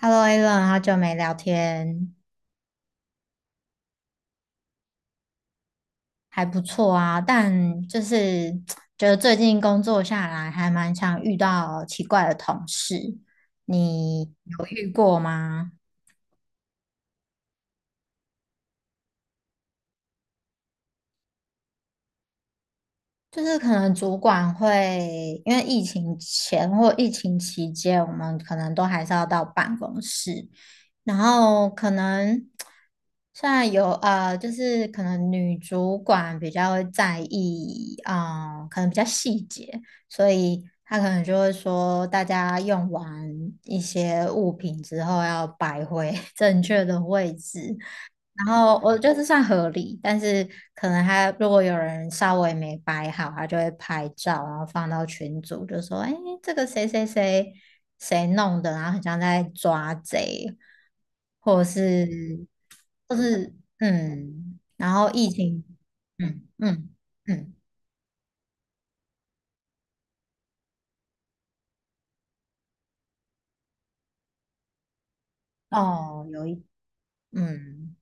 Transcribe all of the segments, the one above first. Hello, Alan，好久没聊天。还不错啊。但觉得最近工作下来，还蛮常遇到奇怪的同事，你有遇过吗？就是可能主管会，因为疫情前或疫情期间，我们可能都还是要到办公室，然后可能现在有就是可能女主管比较会在意，啊，可能比较细节，所以她可能就会说，大家用完一些物品之后要摆回 正确的位置，然后我就是算合理，但是可能他如果有人稍微没摆好，他就会拍照，然后放到群组，就说：“哎，这个谁谁谁弄的，然后很像在抓贼，或者是，或是嗯，然后疫情，嗯嗯嗯。哦，有一。嗯，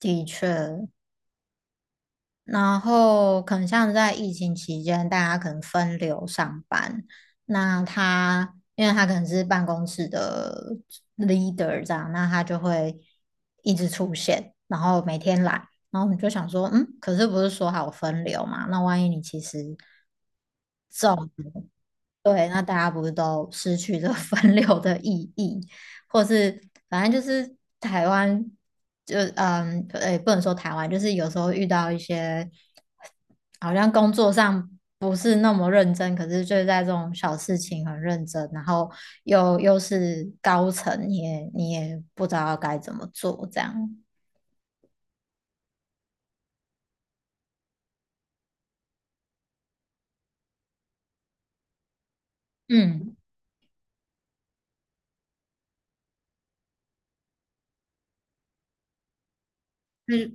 的确。然后可能像在疫情期间，大家可能分流上班，那他因为他可能是办公室的leader 这样，那他就会一直出现，然后每天来，然后你就想说，嗯，可是不是说好分流嘛？那万一你其实中。对，那大家不是都失去这 分流的意义，或是反正就是台湾，就也不能说台湾，就是有时候遇到一些好像工作上不是那么认真，可是就是在这种小事情很认真，然后又是高层，你也不知道该怎么做，这样。嗯，就是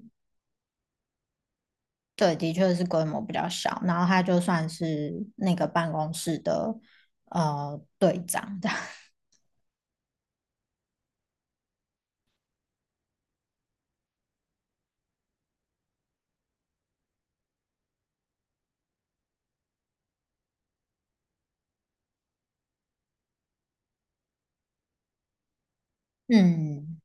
对，的确是规模比较小，然后他就算是那个办公室的队长这样。嗯，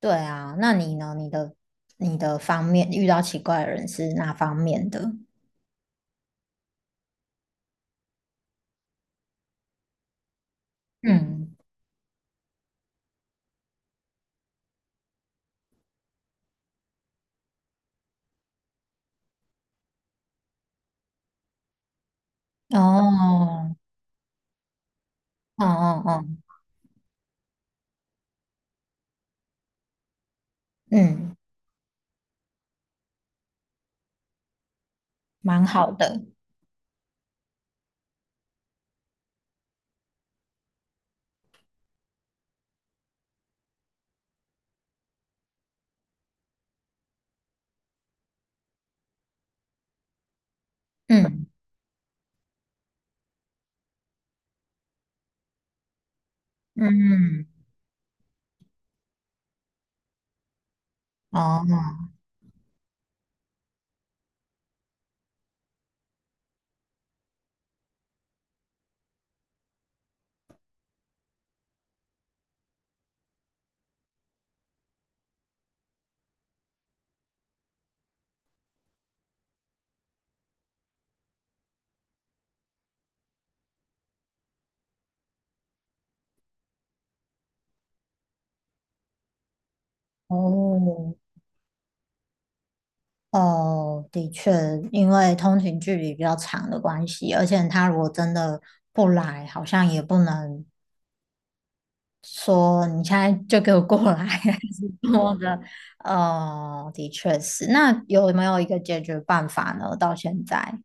对啊，那你呢？你的方面遇到奇怪的人是哪方面的？嗯。哦。哦哦哦。嗯，蛮好的。嗯嗯。哦哦哦，的确，因为通勤距离比较长的关系，而且他如果真的不来，好像也不能说你现在就给我过来，还是多的。的确是。那有没有一个解决办法呢？到现在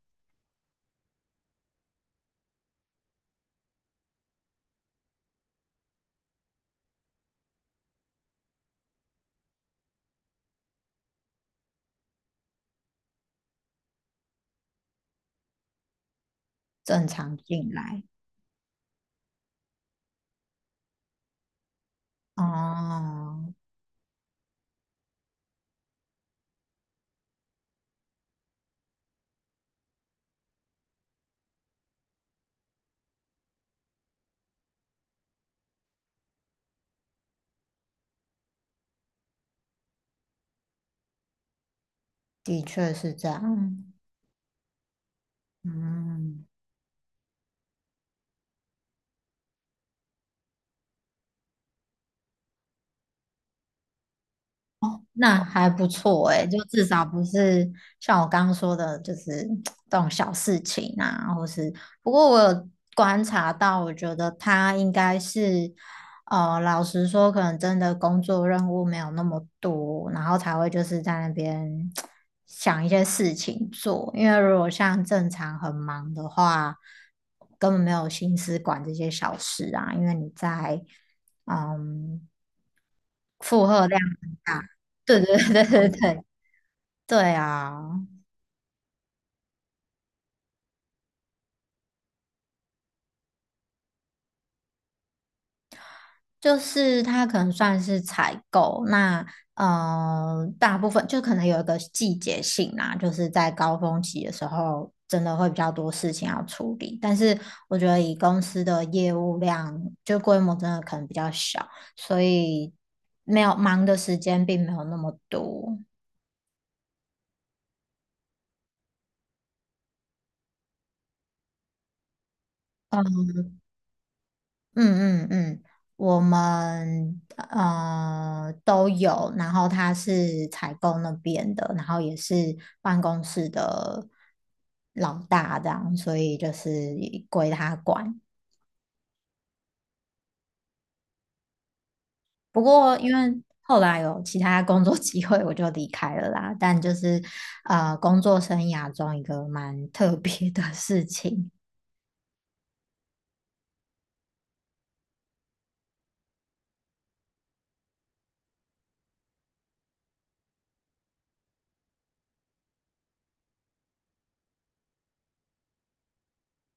正常进来。哦，的确是这样。嗯。那还不错诶，就至少不是像我刚刚说的，就是这种小事情啊，或是不过我有观察到，我觉得他应该是，老实说，可能真的工作任务没有那么多，然后才会就是在那边想一些事情做，因为如果像正常很忙的话，根本没有心思管这些小事啊，因为你在。嗯，负荷量很大。对对对对对。对啊，它可能算是采购，那大部分就可能有一个季节性啦，就是在高峰期的时候，真的会比较多事情要处理。但是我觉得以公司的业务量，就规模真的可能比较小，所以没有忙的时间并没有那么多。嗯嗯嗯，我们都有，然后他是采购那边的，然后也是办公室的老大这样，所以就是归他管。不过因为后来有其他工作机会，我就离开了啦。但工作生涯中一个蛮特别的事情。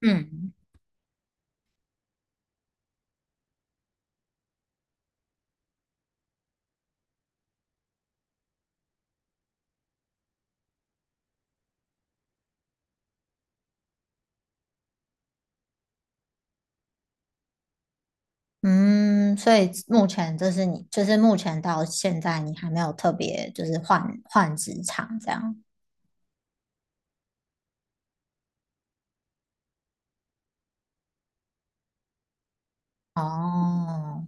嗯。嗯，所以目前就是你，就是目前到现在你还没有特别就是换职场这样。哦。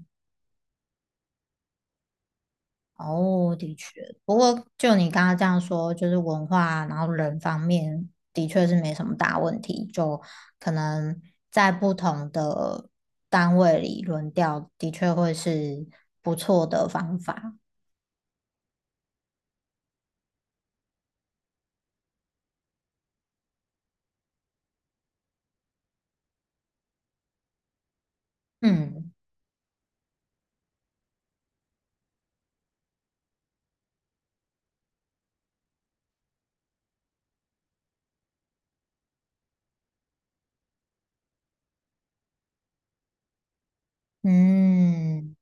哦，的确，不过就你刚刚这样说，就是文化，然后人方面的确是没什么大问题，就可能在不同的单位里轮调，的确会是不错的方法。嗯嗯。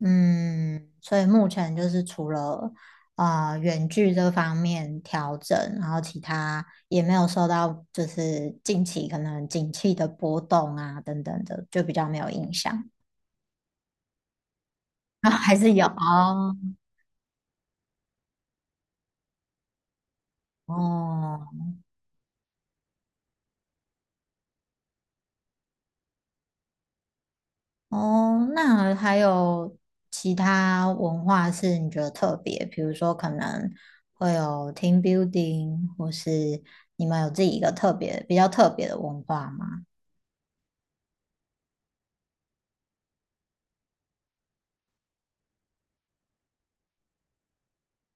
嗯，所以目前就是除了啊远距这方面调整，然后其他也没有受到就是近期可能景气的波动啊等等的，就比较没有影响。啊，还是有哦。哦，哦，那还有其他文化是你觉得特别，比如说可能会有 team building，或是你们有自己一个特别比较特别的文化吗？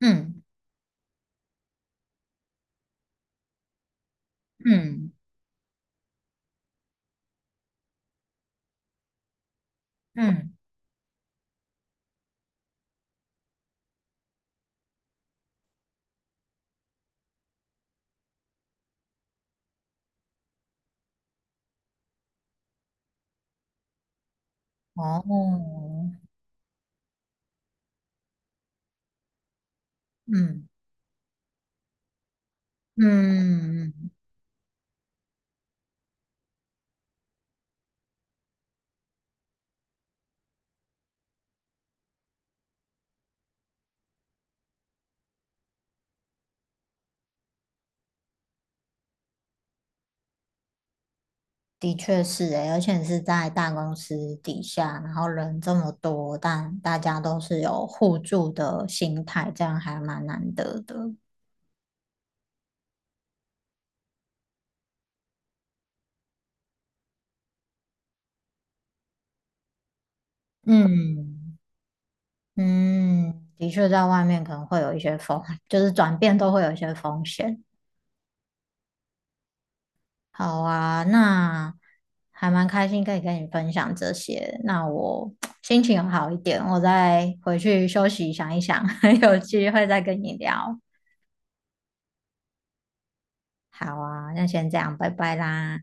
嗯嗯嗯。哦。嗯嗯，的确是诶，而且是在大公司底下，然后人这么多，但大家都是有互助的心态，这样还蛮难得的。嗯嗯，的确，在外面可能会有一些风，就是转变都会有一些风险。好啊，那还蛮开心可以跟你分享这些。那我 心情好一点，我再回去休息想一想，有机会再跟你聊。好啊，那先这样，拜拜啦。